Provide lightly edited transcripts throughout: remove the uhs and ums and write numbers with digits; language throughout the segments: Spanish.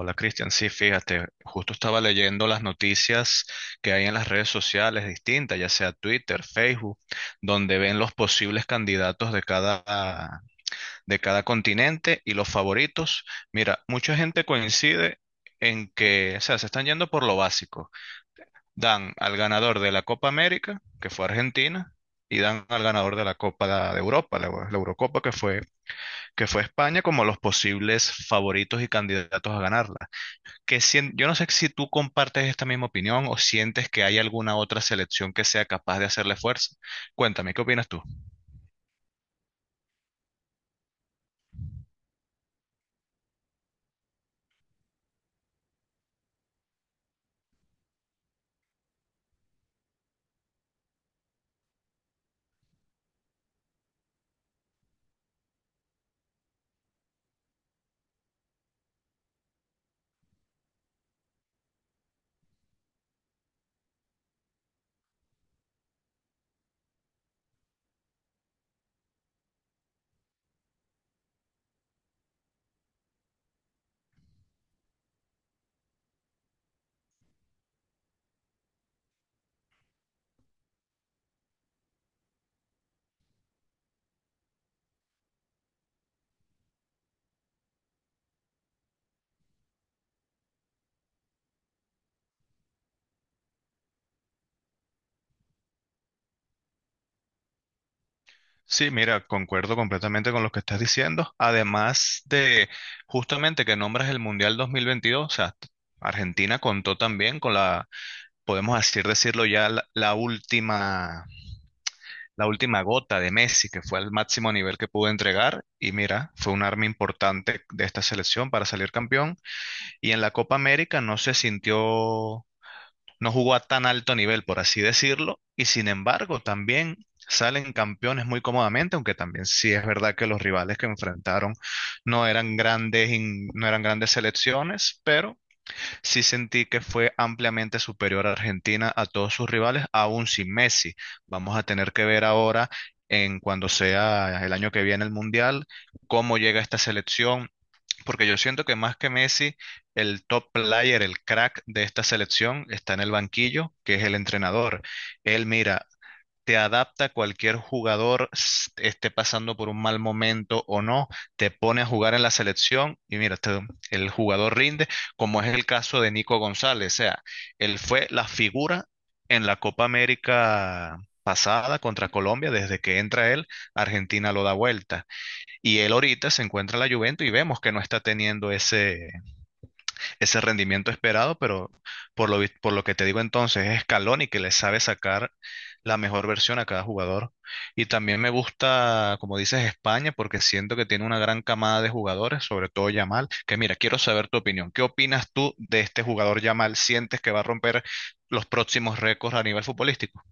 Hola, Cristian, sí, fíjate, justo estaba leyendo las noticias que hay en las redes sociales distintas, ya sea Twitter, Facebook, donde ven los posibles candidatos de cada continente y los favoritos. Mira, mucha gente coincide en que, o sea, se están yendo por lo básico. Dan al ganador de la Copa América, que fue Argentina, y dan al ganador de la Copa de Europa, la Eurocopa, que fue España, como los posibles favoritos y candidatos a ganarla yo no sé si tú compartes esta misma opinión o sientes que hay alguna otra selección que sea capaz de hacerle fuerza. Cuéntame, ¿qué opinas tú? Sí, mira, concuerdo completamente con lo que estás diciendo. Además de justamente que nombras el Mundial 2022, Argentina contó también con la, podemos así decirlo ya, la última, la última gota de Messi, que fue el máximo nivel que pudo entregar. Y mira, fue un arma importante de esta selección para salir campeón. Y en la Copa América no se sintió, no jugó a tan alto nivel, por así decirlo. Y sin embargo, también salen campeones muy cómodamente, aunque también sí es verdad que los rivales que enfrentaron no eran grandes, no eran grandes selecciones, pero sí sentí que fue ampliamente superior a Argentina a todos sus rivales, aún sin Messi. Vamos a tener que ver ahora en cuando sea el año que viene el Mundial, cómo llega esta selección porque yo siento que más que Messi, el top player, el crack de esta selección está en el banquillo, que es el entrenador. Él mira, te adapta a cualquier jugador esté pasando por un mal momento o no, te pone a jugar en la selección y mira, el jugador rinde, como es el caso de Nico González. O sea, él fue la figura en la Copa América pasada contra Colombia, desde que entra él, Argentina lo da vuelta. Y él ahorita se encuentra en la Juventus y vemos que no está teniendo ese, ese rendimiento esperado, pero por lo que te digo entonces, es Scaloni que le sabe sacar la mejor versión a cada jugador. Y también me gusta, como dices, España, porque siento que tiene una gran camada de jugadores, sobre todo Yamal, que mira, quiero saber tu opinión. ¿Qué opinas tú de este jugador Yamal? ¿Sientes que va a romper los próximos récords a nivel futbolístico?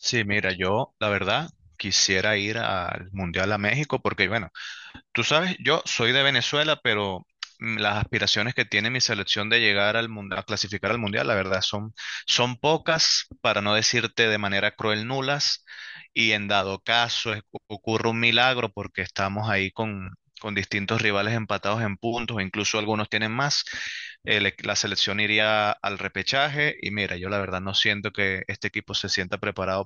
Sí, mira, yo la verdad quisiera ir al Mundial a México porque, bueno, tú sabes, yo soy de Venezuela, pero las aspiraciones que tiene mi selección de llegar al mundial, a clasificar al mundial, la verdad, son, son pocas, para no decirte de manera cruel nulas, y en dado caso ocurre un milagro porque estamos ahí con distintos rivales empatados en puntos, incluso algunos tienen más, la selección iría al repechaje, y mira, yo la verdad no siento que este equipo se sienta preparado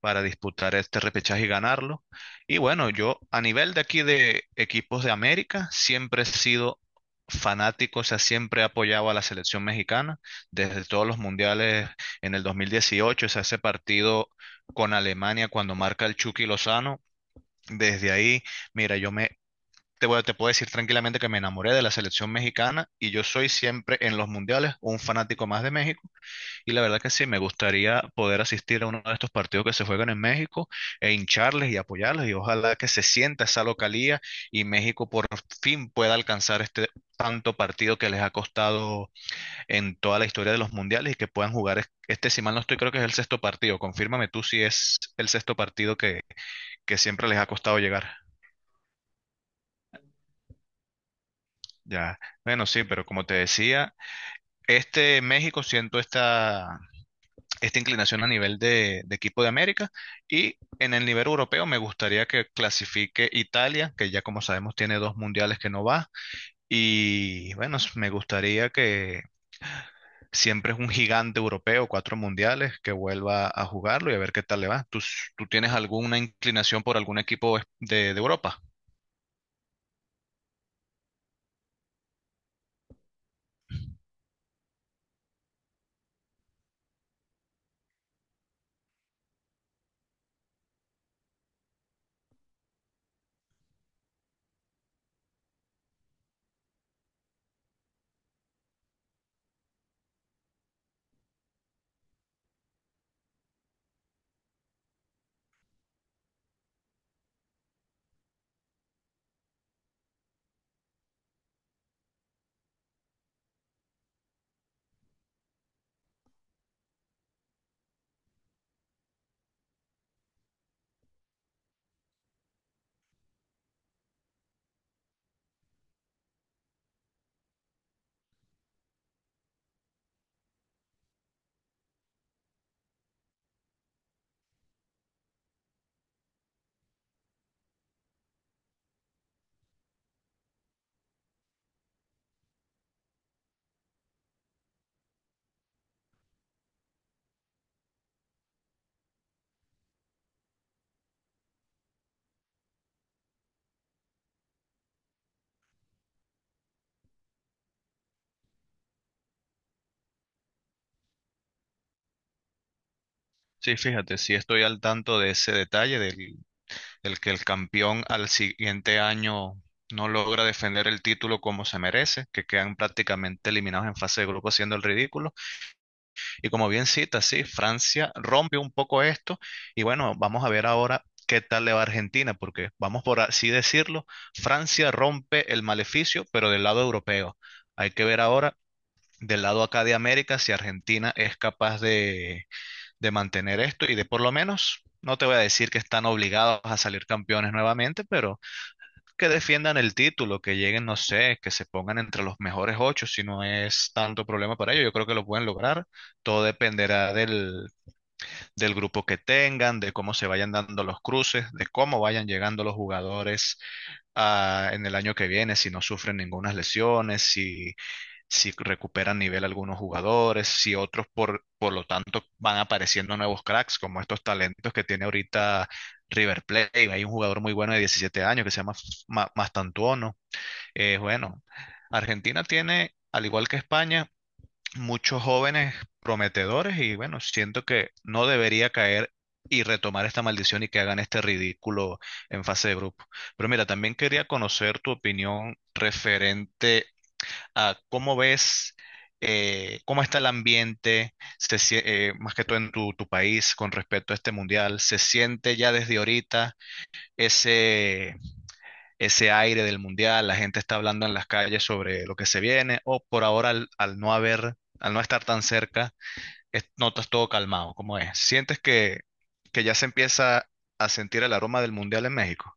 para disputar este repechaje y ganarlo. Y bueno, yo a nivel de aquí de equipos de América, siempre he sido fanático, o sea, siempre he apoyado a la selección mexicana desde todos los mundiales en el 2018, o sea, ese partido con Alemania cuando marca el Chucky Lozano, desde ahí, mira, yo me... te puedo decir tranquilamente que me enamoré de la selección mexicana y yo soy siempre en los mundiales un fanático más de México y la verdad que sí, me gustaría poder asistir a uno de estos partidos que se juegan en México e hincharles y apoyarles. Y ojalá que se sienta esa localía y México por fin pueda alcanzar este tanto partido que les ha costado en toda la historia de los mundiales y que puedan jugar este, si mal no estoy, creo que es el sexto partido. Confírmame tú si es el sexto partido que siempre les ha costado llegar. Ya, bueno, sí, pero como te decía, este México siento esta, esta inclinación a nivel de equipo de América, y en el nivel europeo me gustaría que clasifique Italia, que ya como sabemos tiene dos mundiales que no va, y bueno, me gustaría que siempre es un gigante europeo, cuatro mundiales, que vuelva a jugarlo y a ver qué tal le va. ¿Tú, tú tienes alguna inclinación por algún equipo de Europa? Sí, fíjate, sí estoy al tanto de ese detalle del el que el campeón al siguiente año no logra defender el título como se merece, que quedan prácticamente eliminados en fase de grupo haciendo el ridículo. Y como bien cita, sí, Francia rompe un poco esto y bueno, vamos a ver ahora qué tal le va a Argentina, porque vamos por así decirlo, Francia rompe el maleficio, pero del lado europeo. Hay que ver ahora. Del lado acá de América, si Argentina es capaz de mantener esto y de por lo menos, no te voy a decir que están obligados a salir campeones nuevamente, pero que defiendan el título, que lleguen, no sé, que se pongan entre los mejores ocho, si no es tanto problema para ellos, yo creo que lo pueden lograr. Todo dependerá del, del grupo que tengan, de cómo se vayan dando los cruces, de cómo vayan llegando los jugadores ah, en el año que viene, si no sufren ninguna lesiones, si, si recuperan nivel algunos jugadores, si otros por lo tanto van apareciendo nuevos cracks, como estos talentos que tiene ahorita. River Plate, hay un jugador muy bueno de 17 años que se llama Mastantuono, bueno, Argentina tiene, al igual que España, muchos jóvenes prometedores y bueno, siento que no debería caer y retomar esta maldición y que hagan este ridículo en fase de grupo. Pero mira, también quería conocer tu opinión referente a cómo ves, cómo está el ambiente, más que todo en tu, tu país con respecto a este mundial. ¿Se siente ya desde ahorita ese ese aire del mundial, la gente está hablando en las calles sobre lo que se viene, o por ahora al, al no haber, al no estar tan cerca, notas todo calmado? ¿Cómo es? ¿Sientes que ya se empieza a sentir el aroma del mundial en México?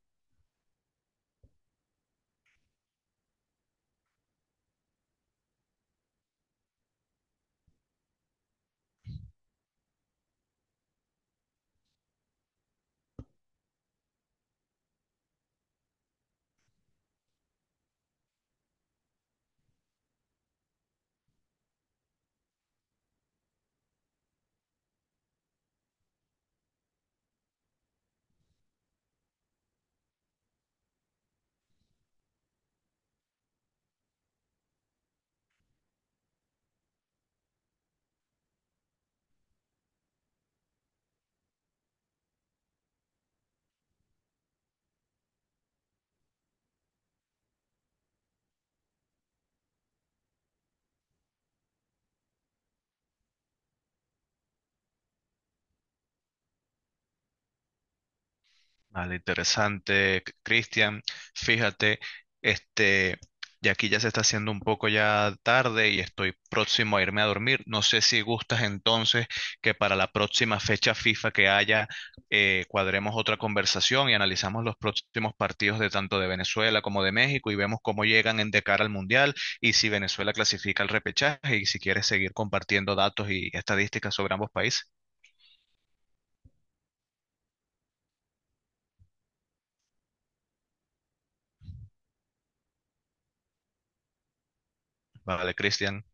Vale, interesante, Cristian. Fíjate, este, y aquí ya se está haciendo un poco ya tarde y estoy próximo a irme a dormir. No sé si gustas entonces que para la próxima fecha FIFA que haya, cuadremos otra conversación y analizamos los próximos partidos de tanto de Venezuela como de México y vemos cómo llegan en de cara al Mundial, y si Venezuela clasifica al repechaje y si quieres seguir compartiendo datos y estadísticas sobre ambos países. Vale, Cristian.